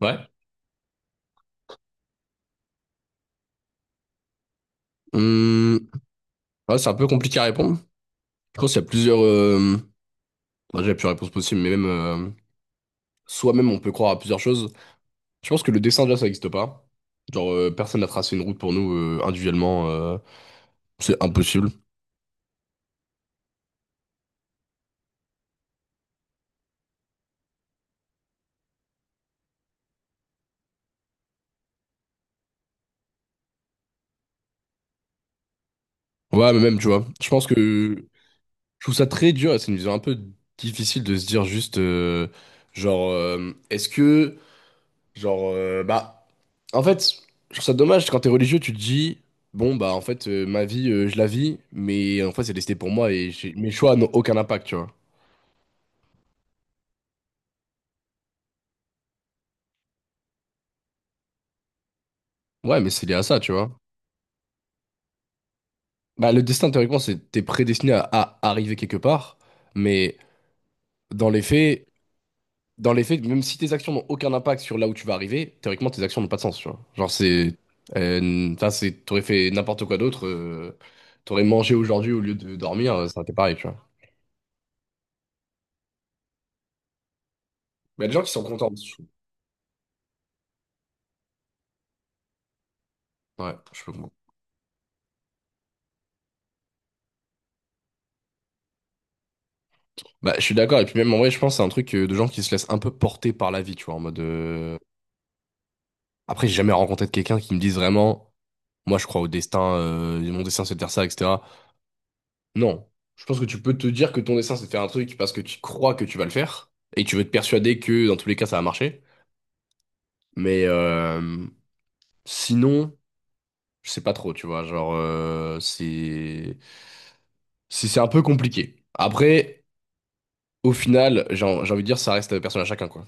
Ouais. Hum, ouais, c'est un peu compliqué à répondre. Je pense qu'il y a plusieurs. Bah, déjà, plusieurs réponses possibles, mais même. Soi-même, on peut croire à plusieurs choses. Je pense que le dessin, déjà, ça n'existe pas. Genre, personne n'a tracé une route pour nous individuellement. C'est impossible. Ouais, mais même, tu vois. Je pense que. Je trouve ça très dur et c'est une vision un peu difficile de se dire juste. Genre, est-ce que. Genre, bah, en fait, je trouve ça dommage quand t'es religieux, tu te dis, bon, bah, en fait, ma vie, je la vis, mais en fait, c'est destiné pour moi et mes choix n'ont aucun impact, tu vois. Ouais, mais c'est lié à ça, tu vois. Bah, le destin, théoriquement, c'est t'es prédestiné à arriver quelque part, mais dans les faits, dans les faits, même si tes actions n'ont aucun impact sur là où tu vas arriver, théoriquement, tes actions n'ont pas de sens, tu vois. Genre, c'est. Enfin, c'est. T'aurais fait n'importe quoi d'autre, t'aurais mangé aujourd'hui au lieu de dormir, ça aurait été pareil, tu vois. Mais il y a des gens qui sont contents. Ouais, je peux comprendre. Bah, je suis d'accord. Et puis même, en vrai, je pense que c'est un truc de gens qui se laissent un peu porter par la vie, tu vois, en mode... Après, j'ai jamais rencontré de quelqu'un qui me dise vraiment, moi, je crois au destin, mon destin, c'est de faire ça, etc. Non. Je pense que tu peux te dire que ton destin, c'est de faire un truc parce que tu crois que tu vas le faire et tu veux te persuader que, dans tous les cas, ça va marcher. Mais sinon, je sais pas trop, tu vois, genre, c'est... C'est un peu compliqué. Après, au final, j'ai envie de dire, ça reste personne à chacun, quoi.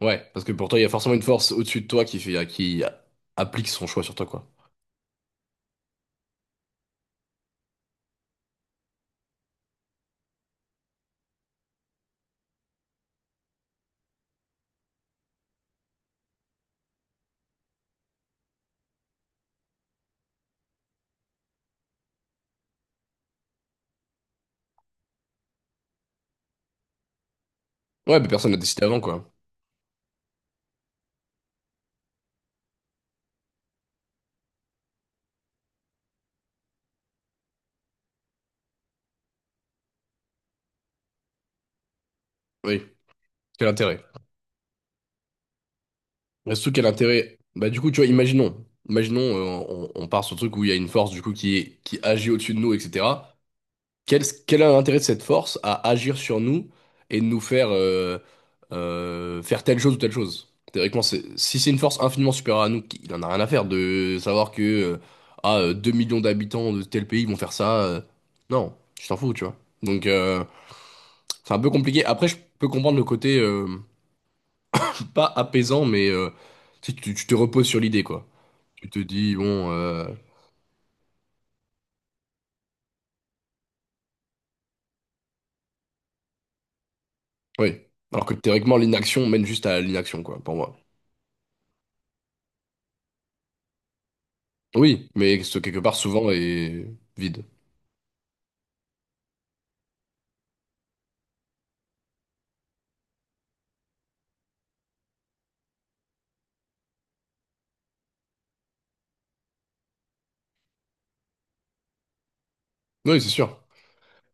Ouais, parce que pour toi, il y a forcément une force au-dessus de toi qui fait, qui applique son choix sur toi, quoi. Ouais, mais personne n'a décidé avant, quoi. Oui, quel intérêt. Et surtout, quel intérêt. Bah, du coup, tu vois, imaginons. Imaginons, on part sur le truc où il y a une force, du coup, qui agit au-dessus de nous, etc. Quel est l'intérêt de cette force à agir sur nous et de nous faire faire telle chose ou telle chose? Théoriquement, si c'est une force infiniment supérieure à nous, il en a rien à faire de savoir que 2 millions d'habitants de tel pays vont faire ça. Non, je t'en fous, tu vois. Donc c'est un peu compliqué. Après, je peux comprendre le côté pas apaisant, mais tu te reposes sur l'idée, quoi. Tu te dis, bon, oui. Alors que théoriquement, l'inaction mène juste à l'inaction, quoi, pour moi. Oui, mais ce quelque part souvent est vide. Oui, c'est sûr.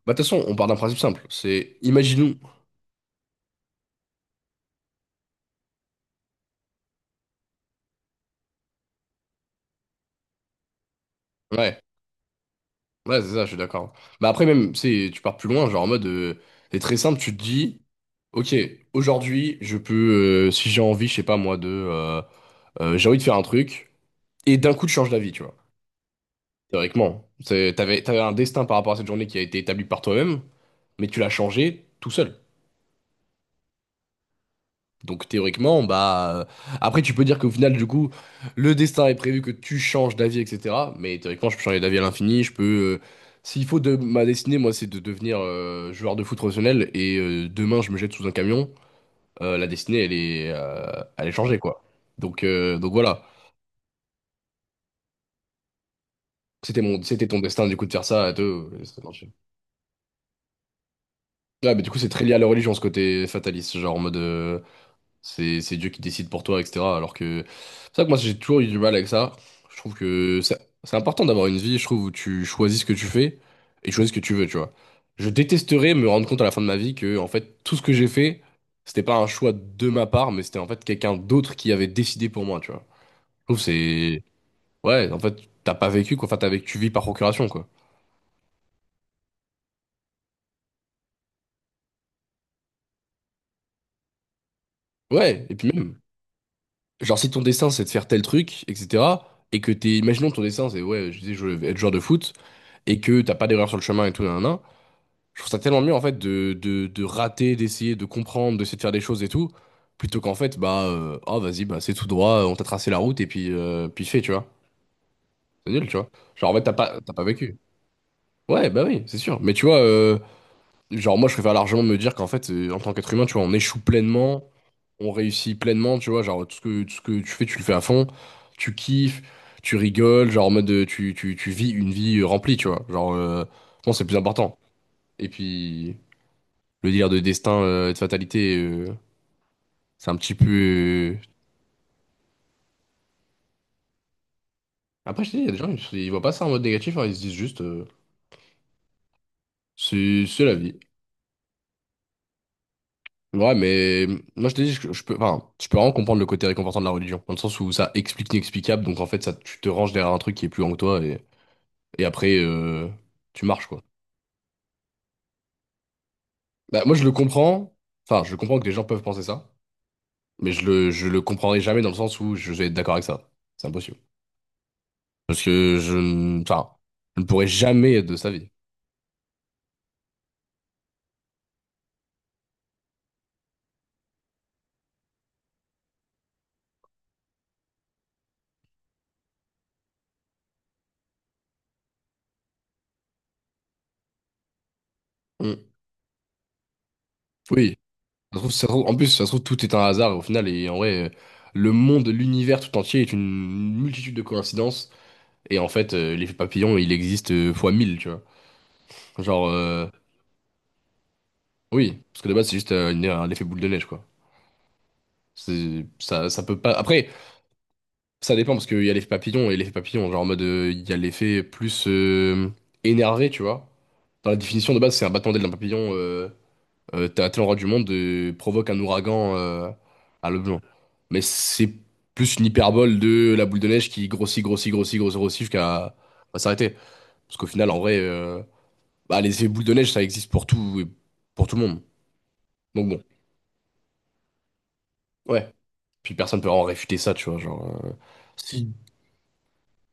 Bah, de toute façon, on part d'un principe simple. C'est imaginons. Ouais, ouais, c'est ça, je suis d'accord. Bah, après, même, tu sais, tu pars plus loin, genre en mode. C'est très simple, tu te dis, ok, aujourd'hui, je peux, si j'ai envie, je sais pas moi, de. J'ai envie de faire un truc, et d'un coup, tu changes d'avis, tu vois. Théoriquement. T'avais un destin par rapport à cette journée qui a été établi par toi-même, mais tu l'as changé tout seul. Donc théoriquement, bah, après tu peux dire qu'au final du coup le destin est prévu que tu changes d'avis etc. Mais théoriquement je peux changer d'avis à l'infini, je peux s'il faut de ma destinée moi c'est de devenir joueur de foot professionnel et demain je me jette sous un camion, la destinée elle est changée quoi. Donc donc voilà c'était mon c'était ton destin du coup de faire ça à deux. Ouais mais du coup c'est très lié à la religion ce côté fataliste genre en mode. C'est Dieu qui décide pour toi, etc. Alors que c'est ça que moi j'ai toujours eu du mal avec ça. Je trouve que c'est important d'avoir une vie, je trouve, où tu choisis ce que tu fais et choisis ce que tu veux, tu vois. Je détesterais me rendre compte à la fin de ma vie que en fait tout ce que j'ai fait, c'était pas un choix de ma part, mais c'était en fait quelqu'un d'autre qui avait décidé pour moi, tu vois. Je trouve que c'est ouais, en fait t'as pas vécu quoi, enfin t'as vécu, tu vis par procuration quoi. Ouais, et puis même genre si ton destin c'est de faire tel truc, etc. Et que imaginons ton destin c'est ouais, je disais je veux être joueur de foot. Et que t'as pas d'erreur sur le chemin et tout, nanana, je trouve ça tellement mieux en fait de rater, d'essayer, de comprendre, d'essayer de faire des choses et tout, plutôt qu'en fait, bah, oh vas-y, bah c'est tout droit, on t'a tracé la route et puis, puis fais, tu vois. C'est nul, tu vois. Genre en fait, t'as pas vécu. Ouais, bah oui, c'est sûr. Mais tu vois, genre moi, je préfère largement me dire qu'en fait, en tant qu'être humain, tu vois, on échoue pleinement, on réussit pleinement, tu vois, genre tout ce que tu fais, tu le fais à fond, tu kiffes, tu rigoles, genre en mode, tu vis une vie remplie, tu vois. Genre, bon, c'est le plus important. Et puis, le délire de destin, de fatalité, c'est un petit peu. euh, Après, je te dis, il y a des gens, ils voient pas ça en mode négatif, hein, ils se disent juste, c'est la vie. Ouais, mais moi, je te dis, je peux, enfin, je peux vraiment comprendre le côté réconfortant de la religion, dans le sens où ça explique l'inexplicable, donc en fait, ça, tu te ranges derrière un truc qui est plus grand que toi, et après, tu marches, quoi. Bah, moi, je le comprends, enfin, je comprends que les gens peuvent penser ça, mais je le comprendrai jamais dans le sens où je vais être d'accord avec ça. C'est impossible. Parce que je, ne- enfin, je ne pourrais jamais être de sa vie. Mm. Oui, en plus, ça se trouve, tout est un hasard au final, et en vrai, le monde, l'univers tout entier est une multitude de coïncidences, et en fait, l'effet papillon, il existe fois mille, tu vois. Genre, oui, parce que de base, c'est juste un effet boule de neige, quoi. Ça, ça peut pas. Après, ça dépend, parce qu'il y a l'effet papillon et l'effet papillon, genre en mode, il y a l'effet plus énervé, tu vois. Dans la définition de base, c'est un battement d'aile d'un papillon t'as le roi du monde provoque un ouragan à l'objet. Mais c'est plus une hyperbole de la boule de neige qui grossit, grossit, grossit, grossit, grossit jusqu'à s'arrêter. Parce qu'au final, en vrai, bah, les effets boules de neige, ça existe pour tout et pour tout le monde. Donc bon, ouais. Puis personne peut en réfuter ça, tu vois. Genre, si,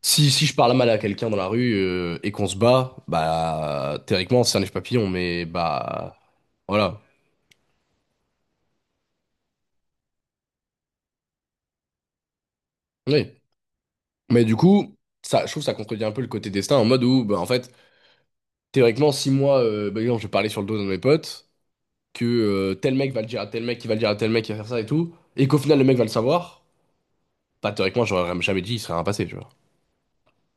si je parle mal à quelqu'un dans la rue et qu'on se bat, bah théoriquement, c'est un neige papillon, mais bah voilà. Oui. Mais du coup, ça, je trouve que ça contredit un peu le côté destin en mode où, bah, en fait, théoriquement, si moi, par exemple, je parlais sur le dos d'un de mes potes, que tel mec va le dire à tel mec, qui va le dire à tel mec, qui va faire ça et tout, et qu'au final le mec va le savoir, bah théoriquement, j'aurais jamais dit, il serait rien passé, tu vois.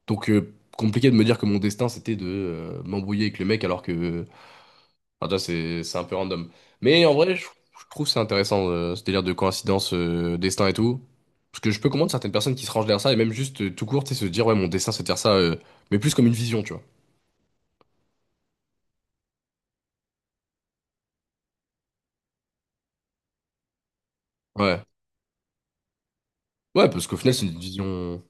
Donc, compliqué de me dire que mon destin c'était de m'embrouiller avec le mec alors que. Enfin, tu vois, c'est un peu random. Mais en vrai, je trouve c'est intéressant ce délire de coïncidence, destin et tout. Parce que je peux comprendre certaines personnes qui se rangent derrière ça et même juste tout court, tu sais, se dire, ouais, mon destin c'est de faire ça, mais plus comme une vision, tu vois. Ouais. Ouais, parce qu'au final, c'est une vision.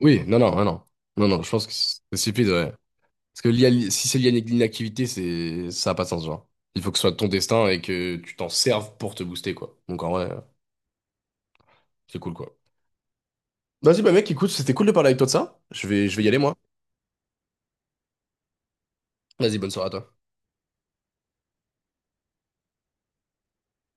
Oui, non, non, non, non, non, non, je pense que c'est stupide, ouais. Parce que lié à si c'est lié à l'inactivité, ça a pas de sens, genre. Il faut que ce soit ton destin et que tu t'en serves pour te booster, quoi. Donc en vrai, c'est cool, quoi. Vas-y, bah mec, écoute, c'était cool de parler avec toi de ça. Je vais y aller, moi. Vas-y, bonne soirée à toi.